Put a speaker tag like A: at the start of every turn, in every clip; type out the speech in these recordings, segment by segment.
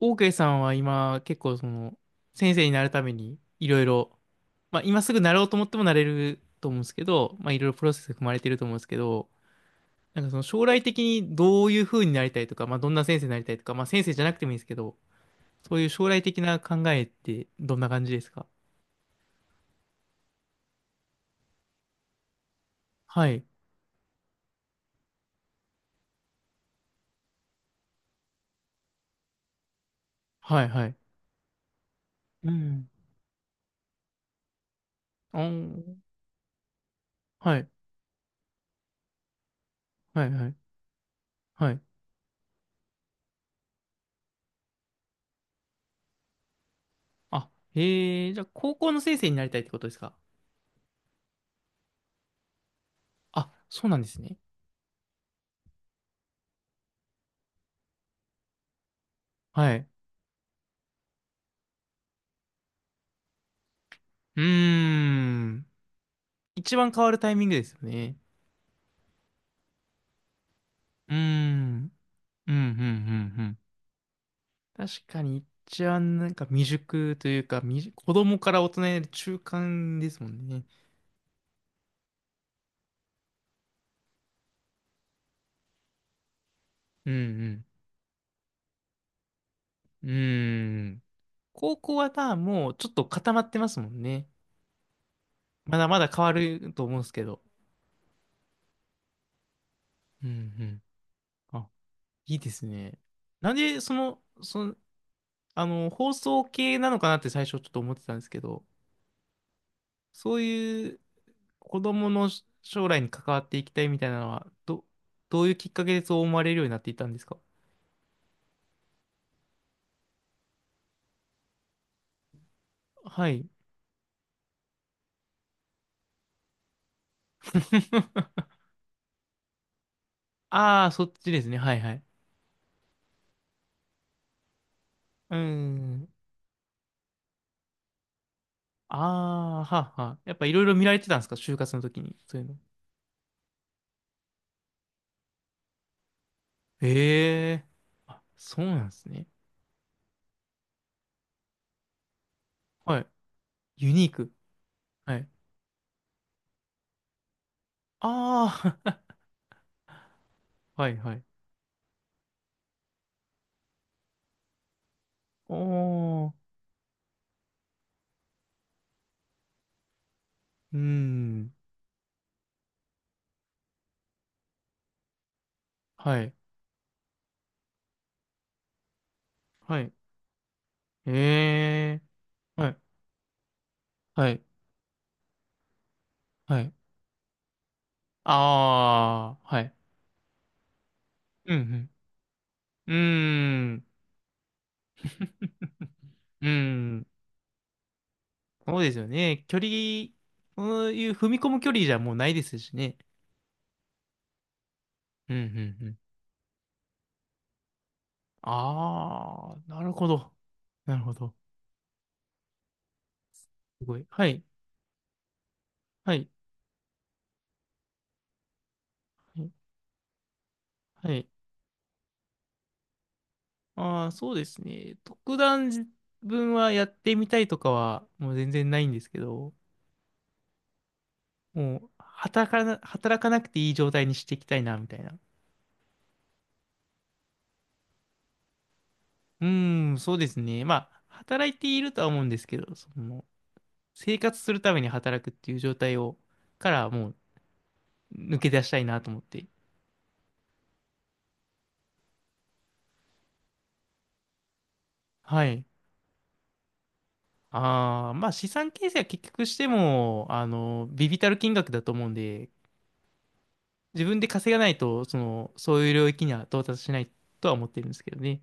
A: オーケーさんは今結構その先生になるためにいろいろ、まあ今すぐなろうと思ってもなれると思うんですけど、まあいろいろプロセスが踏まれてると思うんですけど、なんかその将来的にどういう風になりたいとか、まあどんな先生になりたいとか、まあ先生じゃなくてもいいんですけど、そういう将来的な考えってどんな感じですか？はい。はい、はい。うん。あー、はい、はい、はい、はい。あ、へえ、じゃあ高校の先生になりたいってことですか？あ、そうなんですね。はい。うーん。一番変わるタイミングですよね。うーん。うん、うん、うん、うん。確かに、一番なんか未熟というか、未熟、子供から大人への中間ですもんね。うん、うん。うーん。高校はな、もうちょっと固まってますもんね。まだまだ変わると思うんですけど。うん、うん。あ、いいですね。なんで、あの、放送系なのかなって最初ちょっと思ってたんですけど、そういう子供の将来に関わっていきたいみたいなのは、どういうきっかけでそう思われるようになっていったんですか？はい。ああ、そっちですね。はいはい。うーん。ああ、はあはあ。やっぱいろいろ見られてたんですか、就活の時に。そういうの。ええ。あ、そうなんですね。はい。ユニーク。はい。ああ、はいはい。おー。うーん。はい。はい。ええ。はい。はい。はい。ああ、はい。うん、うーん、うーん、そうですよね。距離、そういう踏み込む距離じゃもうないですしね。うん、うん、うん。ああ、なるほど。なるほど。すごい。はい、はい、はい。はい、ああー、そうですね。特段自分はやってみたいとかはもう全然ないんですけど、もう働かなくていい状態にしていきたいな、みたいな。うーん、そうですね。まあ、働いているとは思うんですけど、その、生活するために働くっていう状態を、からもう抜け出したいなと思って。はい。ああ、まあ資産形成は結局しても、あの、微々たる金額だと思うんで、自分で稼がないと、その、そういう領域には到達しないとは思ってるんですけどね。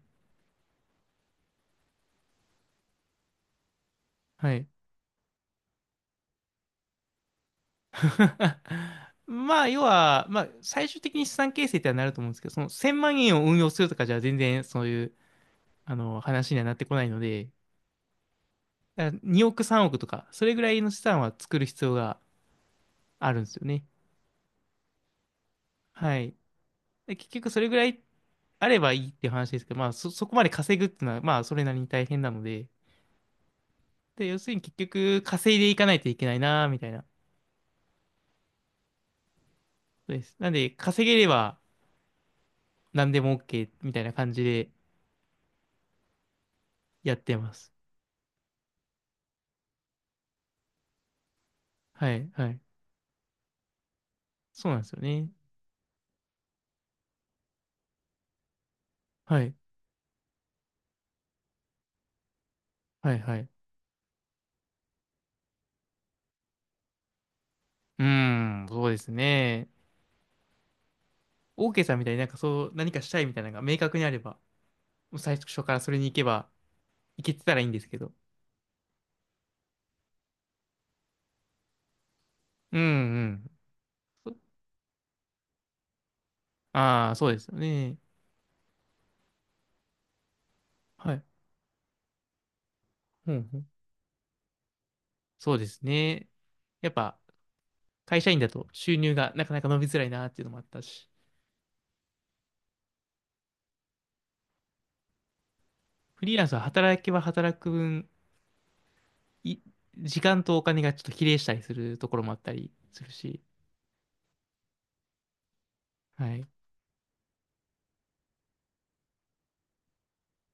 A: はい。まあ、要は、まあ、最終的に資産形成ってはなると思うんですけど、その1000万円を運用するとかじゃ全然そういう、あの、話にはなってこないので、だから2億3億とか、それぐらいの資産は作る必要があるんですよね。はい。で、結局それぐらいあればいいっていう話ですけど、そこまで稼ぐっていうのは、まあそれなりに大変なので、で、要するに結局稼いでいかないといけないな、みたいな。そうです。なんで、稼げれば何でも OK みたいな感じでやってます。はい、はい。そうなんですよね。はい、はい、はい。うーん、そうですね。OK さんみたいになんかそう、何かしたいみたいなのが明確にあれば、もう最初からそれに行けば、行けてたらいいんですけど。うん、うん。ああ、そうですよね。はい。うん、うん、そうですね。やっぱ会社員だと収入がなかなか伸びづらいなっていうのもあったし、フリーランスは働けば働く分、い、時間とお金がちょっと比例したりするところもあったりするし、はい。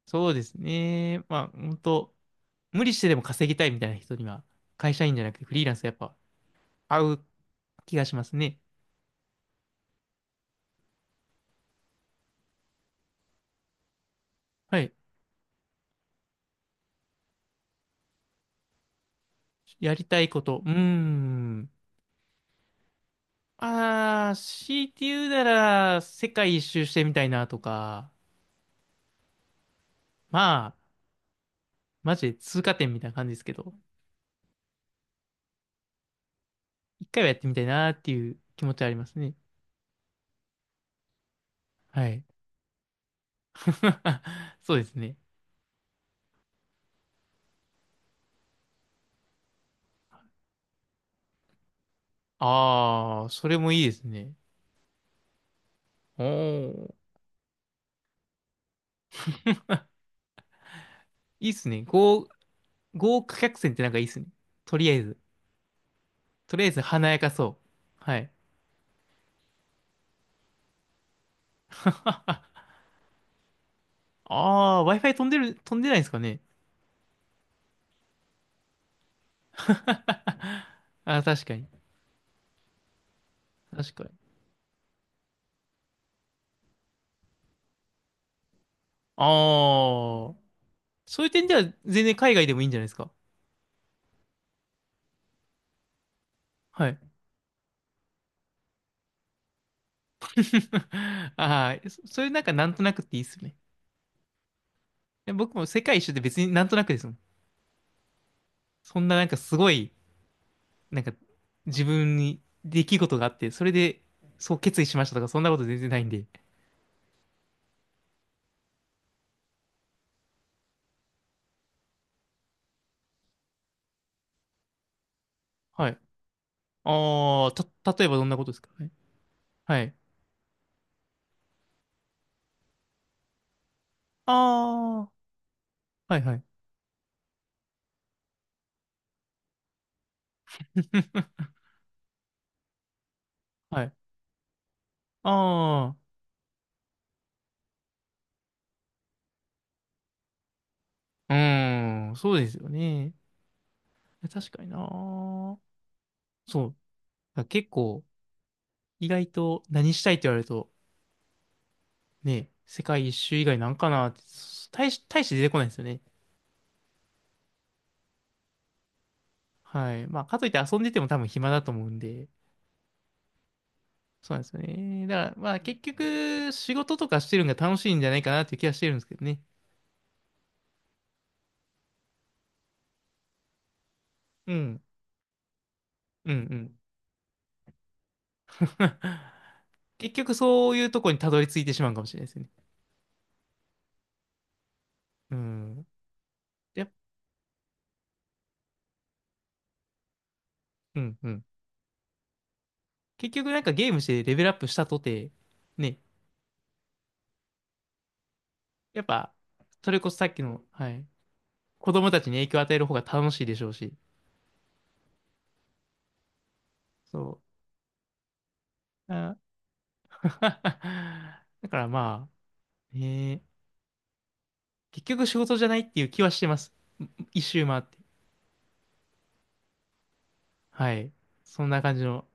A: そうですね。まあ、本当無理してでも稼ぎたいみたいな人には、会社員じゃなくてフリーランスやっぱ合う気がしますね。はい。やりたいこと。うーん。ああ、強いて言うなら、世界一周してみたいなとか、まあ、マジで通過点みたいな感じですけど、一回はやってみたいなっていう気持ちはありますね。はい。そうですね。ああ、それもいいですね。おお、いいっすね。豪華客船ってなんかいいっすね。とりあえず。とりあえず華やかそう。はい。ああ、Wi-Fi 飛んでる、飛んでないんですかね。ああ、確かに。確かに。ああ、そういう点では全然海外でもいいんじゃないですか。はい。ああ、そそれなんかなんとなくっていいっすよね。僕も世界一周って別になんとなくですもん。そんななんかすごい、なんか自分に出来事があって、それでそう決意しましたとか、そんなこと全然ないんで。はい。ああ、例えばどんなことですか？はい。はい。ああ、はいはい。はい。ああ、うーん、そうですよね。確かにな。そう。だから結構、意外と何したいって言われると、ね、世界一周以外なんかなって、大して出てこないですよね。はい。まあ、かといって遊んでても多分暇だと思うんで、そうなんですよね。だから、まあ結局、仕事とかしてるのが楽しいんじゃないかなっていう気はしてるんですけどね。うん。うん、うん。結局そういうとこにたどり着いてしまうかもしれないですね。うん。やっ、うん、うん。結局なんかゲームしてレベルアップしたとて、ね、やっぱ、それこそさっきの、はい、子供たちに影響を与える方が楽しいでしょうし、そう。あ、 だからまあ、ね、結局仕事じゃないっていう気はしてます。一周回って。はい。そんな感じの